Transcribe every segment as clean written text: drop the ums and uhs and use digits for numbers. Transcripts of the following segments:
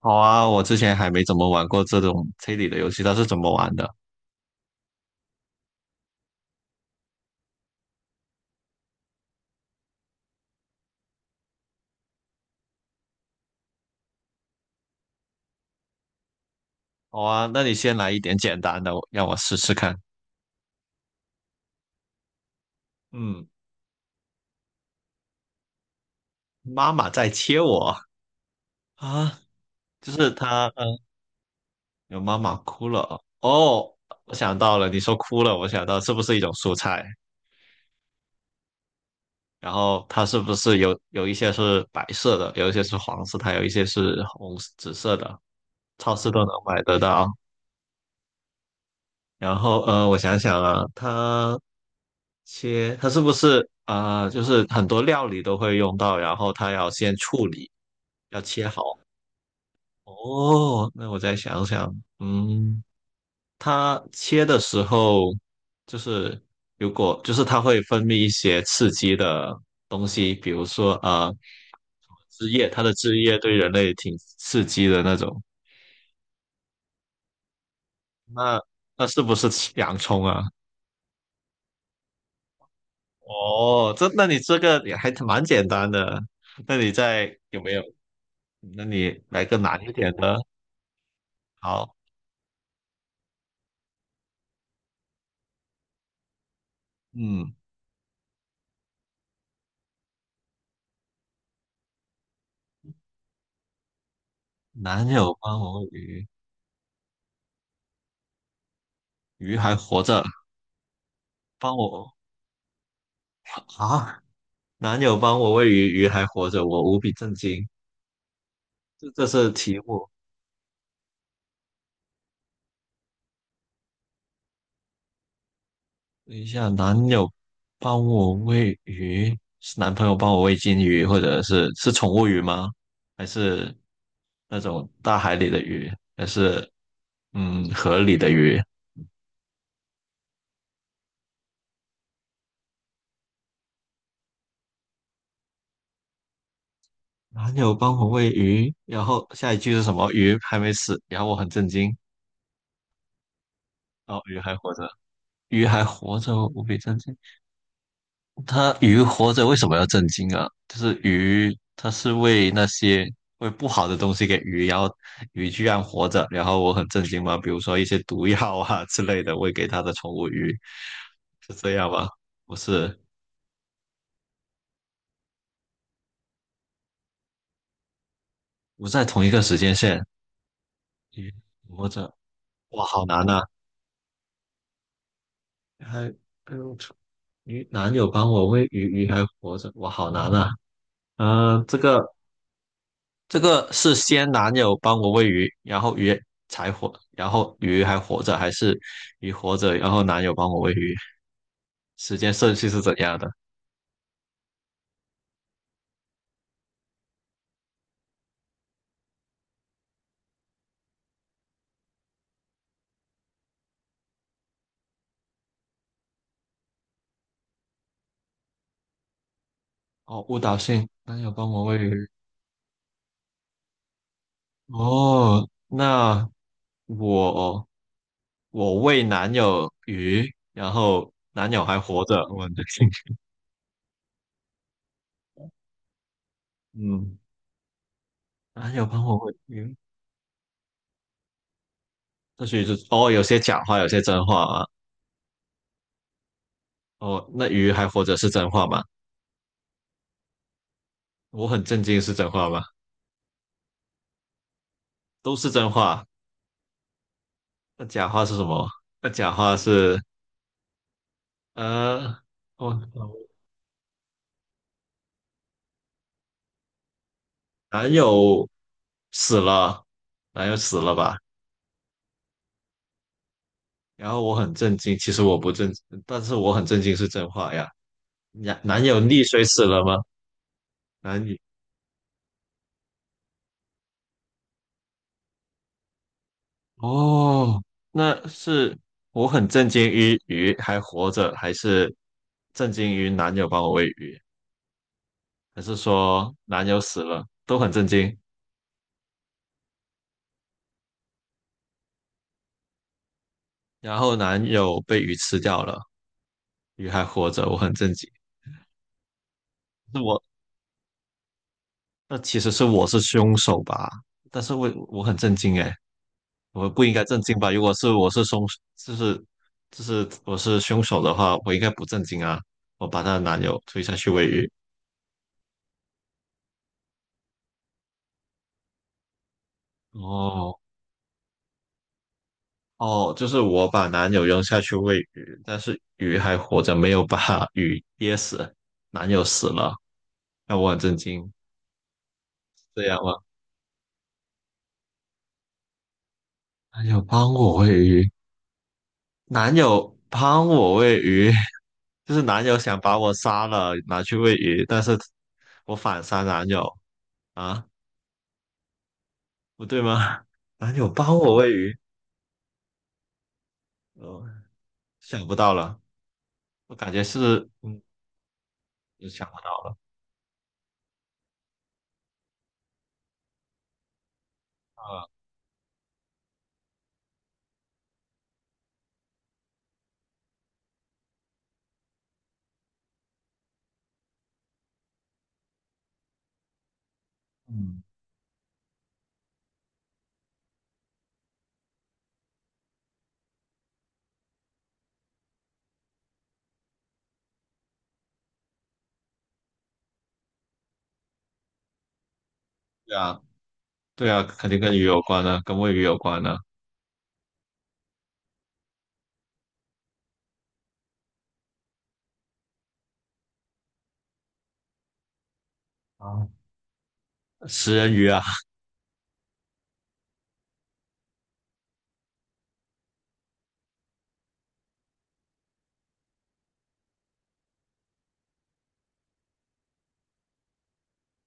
好啊，我之前还没怎么玩过这种推理的游戏，它是怎么玩的？好啊，那你先来一点简单的，让我试试看。嗯，妈妈在切我啊，就是她，有妈妈哭了。哦，我想到了，你说哭了，我想到是不是一种蔬菜？然后它是不是有一些是白色的，有一些是黄色，它有一些是红紫色的，超市都能买得到。然后，我想想啊，它是不是就是很多料理都会用到，然后它要先处理，要切好。哦，那我再想想，它切的时候，就是如果就是它会分泌一些刺激的东西，比如说汁液，它的汁液对人类挺刺激的那种。那那是不是洋葱啊？哦，这那你这个也还蛮简单的。那你在有没有？那你来个难一点的。好，嗯，男友帮我喂鱼，鱼还活着，帮我啊！男友帮我喂鱼，鱼还活着，我无比震惊。这这是题目。等一下，男友帮我喂鱼，是男朋友帮我喂金鱼，或者是宠物鱼吗？还是那种大海里的鱼？还是河里的鱼？男友帮我喂鱼，然后下一句是什么？鱼还没死，然后我很震惊。哦，鱼还活着，鱼还活着哦，无比震惊。它鱼活着为什么要震惊啊？就是鱼，它是喂那些喂不好的东西给鱼，然后鱼居然活着，然后我很震惊嘛。比如说一些毒药啊 之类的喂给它的宠物鱼，是这样吗？不是，不在同一个时间线。鱼活着，哇，好难啊！还，哎呦，男友帮我喂鱼，鱼还活着，哇，好难啊！嗯、这个。这个是先男友帮我喂鱼，然后鱼才活，然后鱼还活着，还是鱼活着，然后男友帮我喂鱼？时间顺序是怎样的？哦，误导性，男友帮我喂鱼。哦，那我我喂男友鱼，然后男友还活着，我的天，嗯，男友帮我喂鱼，或许是哦，有些假话，有些真话啊。哦，那鱼还活着是真话吗？我很震惊，是真话吗？都是真话。那假话是什么？那假话是呃，我男友死了，男友死了吧？然后我很震惊，其实我不震，但是我很震惊是真话呀。男友溺水死了吗？男女，哦，那是我很震惊于鱼还活着，还是震惊于男友帮我喂鱼，还是说男友死了都很震惊，然后男友被鱼吃掉了，鱼还活着，我很震惊。是我那其实是我是凶手吧？但是我很震惊诶，我不应该震惊吧？如果是我是凶，就是就是我是凶手的话，我应该不震惊啊！我把她的男友推下去喂鱼。哦哦，就是我把男友扔下去喂鱼，但是鱼还活着，没有把 鱼噎死，男友死了，那我很震惊。这样吗？男友帮我喂鱼，男友帮我喂鱼。就是男友想把我杀了，拿去喂鱼，但是我反杀男友啊，不对吗？男友帮我喂鱼，哦，想不到了，我感觉是，我想不到了，嗯，对啊，对啊，肯定跟鱼有关的，跟喂鱼有关的啊，食人鱼啊，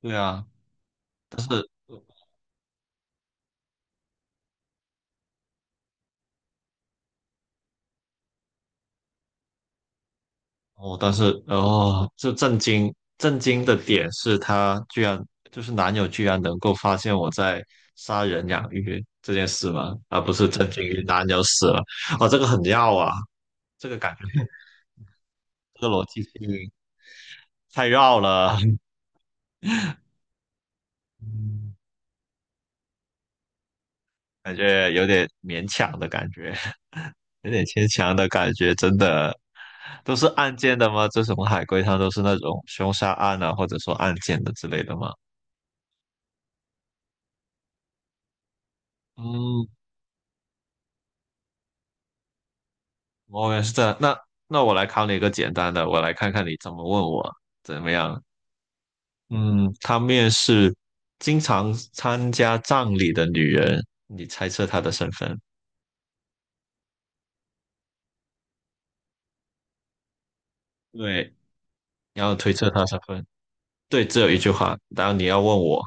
对啊，哦，但是哦，这震惊震惊的点是他居然男友居然能够发现我在杀人养鱼这件事吗？啊，不是震惊于男友死了。哦，这个很绕啊，这个感觉这个逻辑性太绕了，感觉有点勉强的感觉，有点牵强的感觉，真的。都是案件的吗？这什么海龟汤都是那种凶杀案啊，或者说案件的之类的吗？嗯，我也是这样。那我来考你一个简单的，我来看看你怎么问我怎么样。嗯，他面试经常参加葬礼的女人，你猜测她的身份？对，你要推测她身份。对，只有一句话，然后你要问我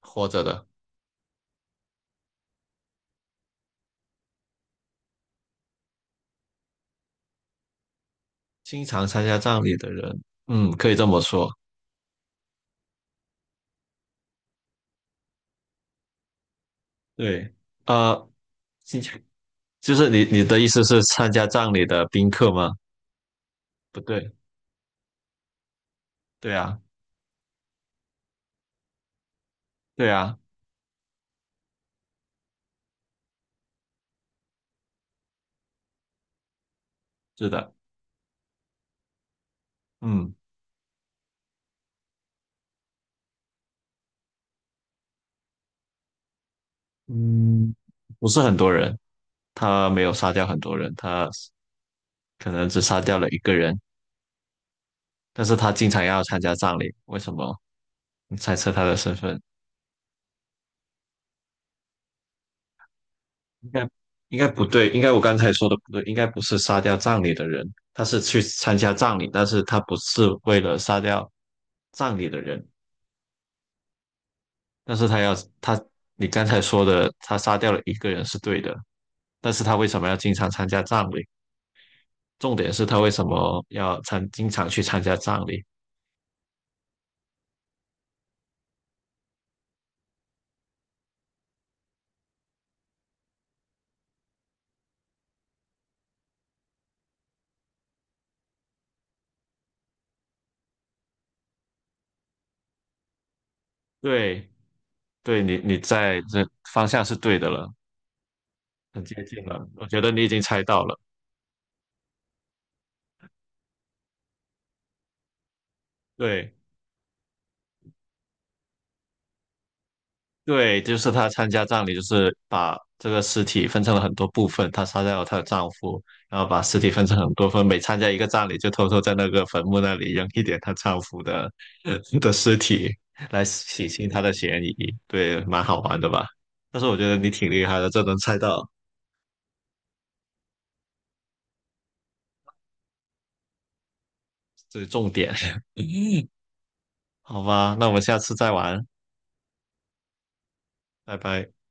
活着的，经常参加葬礼的人，嗯，可以这么说。对，呃，经常就是你的意思是参加葬礼的宾客吗？不对，对啊，对啊，是的，嗯。嗯，不是很多人，他没有杀掉很多人，他可能只杀掉了一个人，但是他经常要参加葬礼，为什么？你猜测他的身份？应该应该不对，应该我刚才说的不对，应该不是杀掉葬礼的人，他是去参加葬礼，但是他不是为了杀掉葬礼的人，但是他要他，你刚才说的他杀掉了一个人是对的，但是他为什么要经常参加葬礼？重点是他为什么要参，经常去参加葬礼？对，你在这方向是对的了，很接近了。我觉得你已经猜到了。对对，就是她参加葬礼，就是把这个尸体分成了很多部分。她杀掉了她的丈夫，然后把尸体分成很多份，每参加一个葬礼，就偷偷在那个坟墓那里扔一点她丈夫的 的尸体，来洗清她的嫌疑。对，蛮好玩的吧？但是我觉得你挺厉害的，这能猜到这是重点。嗯，好吧，那我们下次再玩，拜拜。